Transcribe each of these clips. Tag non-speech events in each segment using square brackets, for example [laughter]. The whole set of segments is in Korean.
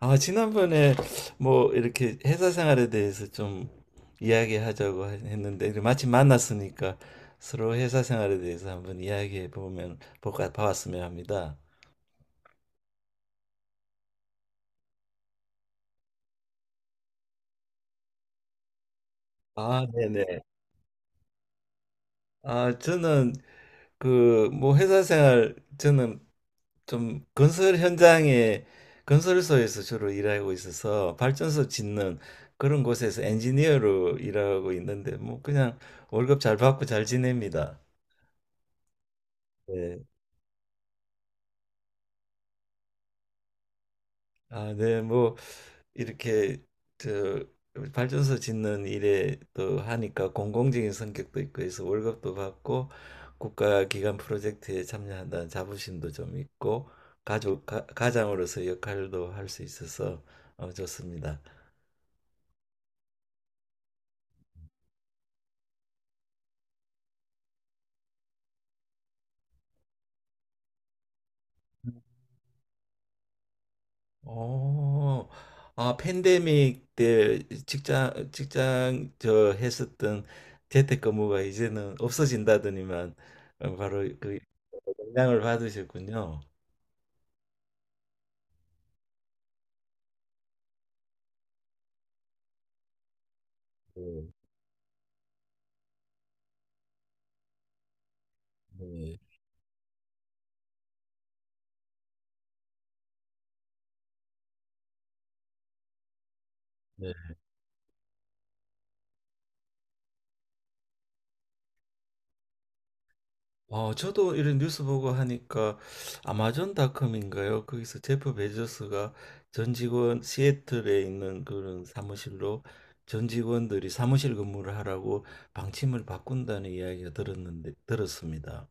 아, 지난번에 뭐 이렇게 회사 생활에 대해서 좀 이야기하자고 했는데 마침 만났으니까 서로 회사 생활에 대해서 한번 이야기해 보면 볼까 봐왔으면 합니다. 아, 네네. 아, 저는 그 뭐 회사 생활 저는 좀 건설 현장에 건설소에서 주로 일하고 있어서 발전소 짓는 그런 곳에서 엔지니어로 일하고 있는데 뭐 그냥 월급 잘 받고 잘 지냅니다. 네. 아, 네. 뭐 이렇게 저 발전소 짓는 일에 또 하니까 공공적인 성격도 있고 해서 월급도 받고 국가 기관 프로젝트에 참여한다는 자부심도 좀 있고 가장으로서 역할도 할 수 있어서 좋습니다. 오, 아, 팬데믹 때 했었던 재택근무가 이제는 없어진다더니만 바로 그 영향을 받으셨군요. 네, 네, 저도 이런 뉴스 보고 하니까 아마존닷컴인가요? 거기서 제프 베조스가 전 직원 시애틀에 있는 그런 사무실로 전 직원들이 사무실 근무를 하라고 방침을 바꾼다는 이야기가 들었는데 들었습니다.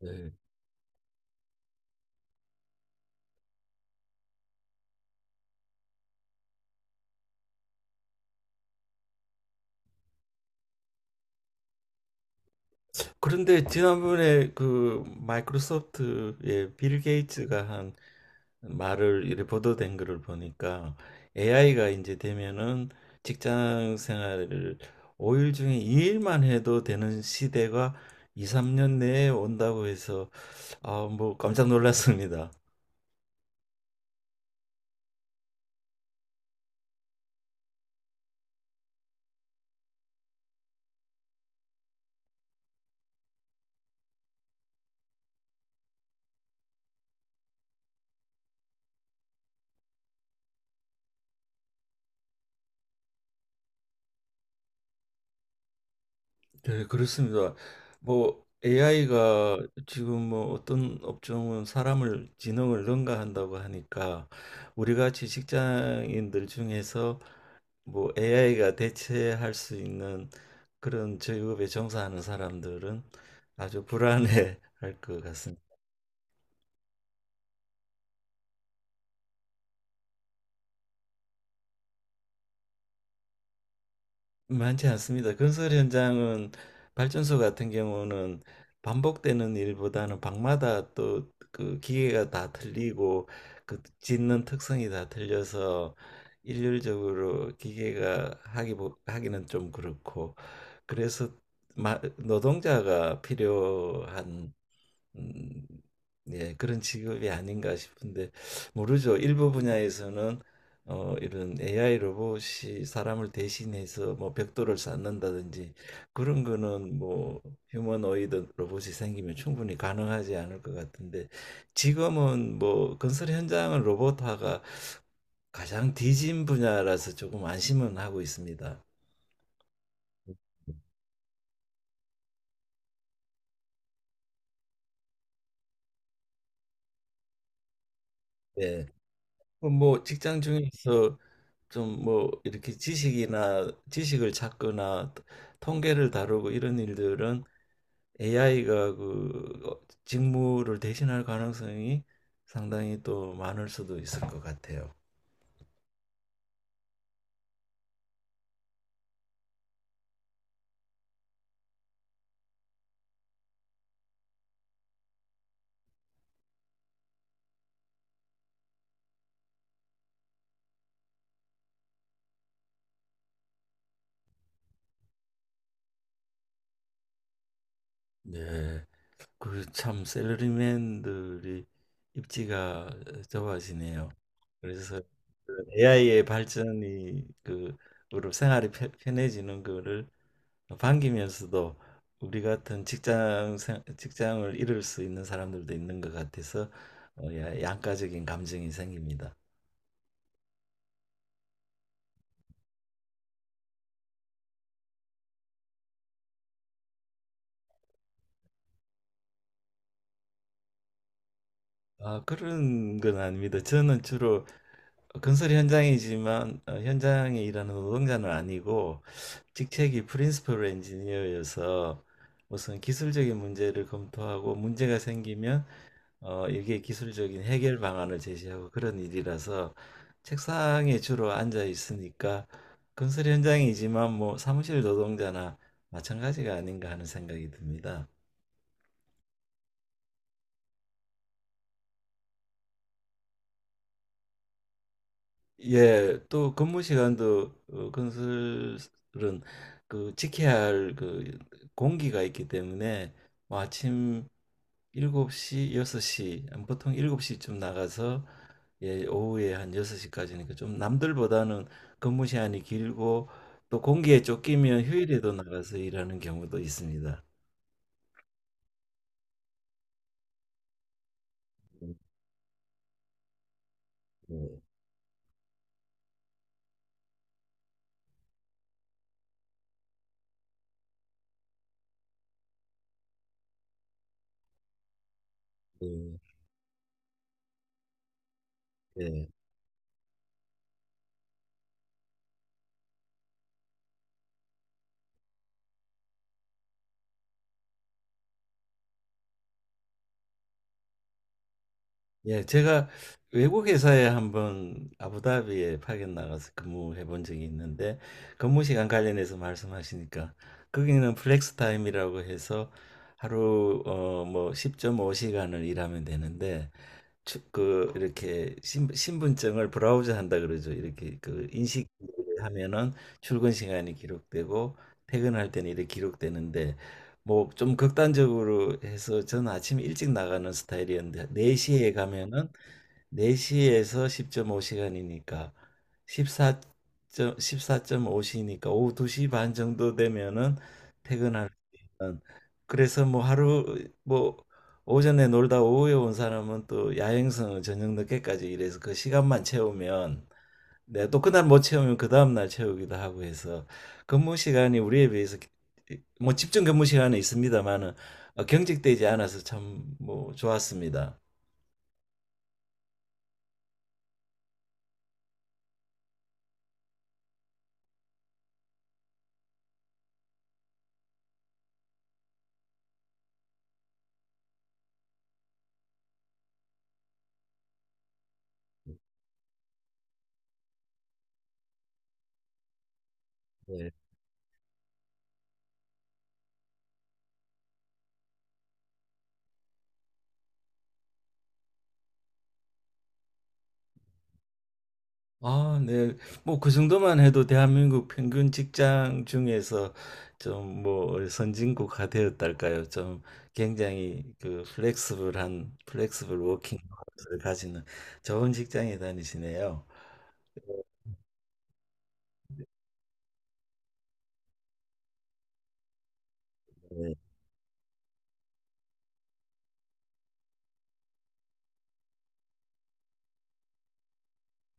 네. 그런데 지난번에 그 마이크로소프트의 빌 게이츠가 한 말을 이렇게 보도된 거를 보니까 AI가 이제 되면은 직장 생활을 5일 중에 2일만 해도 되는 시대가 2, 3년 내에 온다고 해서 아, 뭐 깜짝 놀랐습니다. 네, 그렇습니다. 뭐 AI가 지금 뭐 어떤 업종은 사람을 지능을 능가한다고 하니까 우리 같이 직장인들 중에서 뭐 AI가 대체할 수 있는 그런 직업에 종사하는 사람들은 아주 불안해 [laughs] 할 것 같습니다. 많지 않습니다. 건설 현장은 발전소 같은 경우는 반복되는 일보다는 방마다 또 그 기계가 다 틀리고 그 짓는 특성이 다 틀려서 일률적으로 기계가 하기는 좀 그렇고 그래서 노동자가 필요한 음, 예, 그런 직업이 아닌가 싶은데 모르죠. 일부 분야에서는 이런 AI 로봇이 사람을 대신해서 뭐 벽돌을 쌓는다든지 그런 거는 뭐 휴머노이드 로봇이 생기면 충분히 가능하지 않을 것 같은데 지금은 뭐 건설 현장은 로봇화가 가장 뒤진 분야라서 조금 안심은 하고 있습니다. 예. 뭐 직장 중에서 좀 뭐 이렇게 지식이나 지식을 찾거나 통계를 다루고 이런 일들은 AI가 그 직무를 대신할 가능성이 상당히 또 많을 수도 있을 것 같아요. 네. 그 참 셀러리맨들이 입지가 좁아지네요. 그래서 AI의 발전이 그 으로 생활이 편해지는 거를 반기면서도 우리 같은 직장 직장을 잃을 수 있는 사람들도 있는 것 같아서 양가적인 감정이 생깁니다. 아, 그런 건 아닙니다. 저는 주로 건설 현장이지만 현장에 일하는 노동자는 아니고 직책이 프린시플 엔지니어여서 무슨 기술적인 문제를 검토하고 문제가 생기면 이게 기술적인 해결 방안을 제시하고 그런 일이라서 책상에 주로 앉아 있으니까 건설 현장이지만 뭐 사무실 노동자나 마찬가지가 아닌가 하는 생각이 듭니다. 예, 또 근무 시간도 건설은 그 지켜야 할 그 공기가 있기 때문에 뭐 아침 7시 6시 보통 7시쯤 나가서 예, 오후에 한 6시까지니까 좀 남들보다는 근무 시간이 길고 또 공기에 쫓기면 휴일에도 나가서 일하는 경우도 있습니다. 예, 예. 예, 제가 외국 회사에 한번 아부다비에 파견 나가서 근무해 본 적이 있는데 근무 시간 관련해서 말씀하시니까 거기는 플렉스 타임이라고 해서 하루 뭐 10.5시간을 일하면 되는데 그 이렇게 신분증을 브라우저 한다 그러죠. 이렇게 그 인식 하면은 출근 시간이 기록되고 퇴근할 때는 이렇게 기록되는데 뭐 좀 극단적으로 해서 저는 아침 일찍 나가는 스타일이었는데 4시에 가면은 4시에서 10.5시간이니까 14. 사점5시니까 오후 2시 반 정도 되면은 퇴근할 수 있는 그래서 뭐 하루 뭐 오전에 놀다 오후에 온 사람은 또 야행성은 저녁 늦게까지 일해서 그 시간만 채우면 네, 또 그날 못 채우면 그 다음날 채우기도 하고 해서 근무 시간이 우리에 비해서 뭐 집중 근무 시간은 있습니다만은 경직되지 않아서 참 뭐 좋았습니다. 네. 아, 네. 뭐 그 정도만 해도 대한민국 평균 직장 중에서 좀 뭐 선진국화 되었달까요? 좀 굉장히 그 플렉스블 워킹을 가지는 좋은 직장에 다니시네요. 네,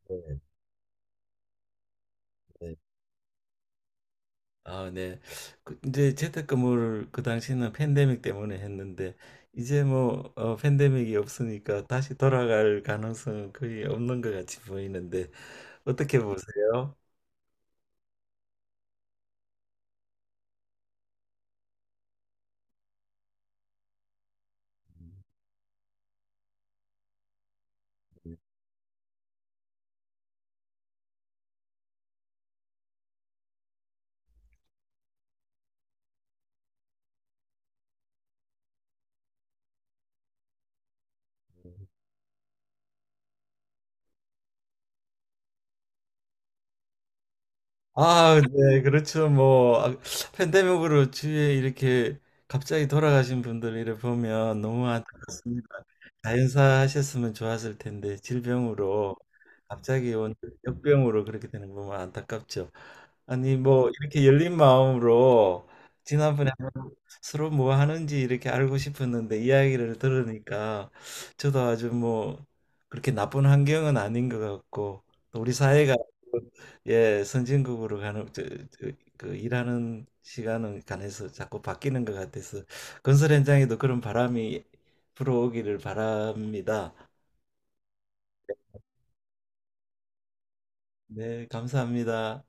네, 네. 아, 네. 그 이제 재택근무를 그 당시에는 팬데믹 때문에 했는데 이제 뭐 팬데믹이 없으니까 다시 돌아갈 가능성은 거의 없는 것 같이 보이는데 어떻게 보세요? 아, 네, 그렇죠. 뭐 아, 팬데믹으로 주위에 이렇게 갑자기 돌아가신 분들 이렇게 보면 너무 안타깝습니다. 자연사 하셨으면 좋았을 텐데 질병으로 갑자기 온 역병으로 그렇게 되는 거 보면 안타깝죠. 아니 뭐 이렇게 열린 마음으로 지난번에 한번 서로 뭐 하는지 이렇게 알고 싶었는데 이야기를 들으니까 저도 아주 뭐 그렇게 나쁜 환경은 아닌 것 같고 또 우리 사회가 예, 선진국으로 가는 그 일하는 시간은 간해서 자꾸 바뀌는 것 같아서 건설 현장에도 그런 바람이 불어오기를 바랍니다. 네, 감사합니다.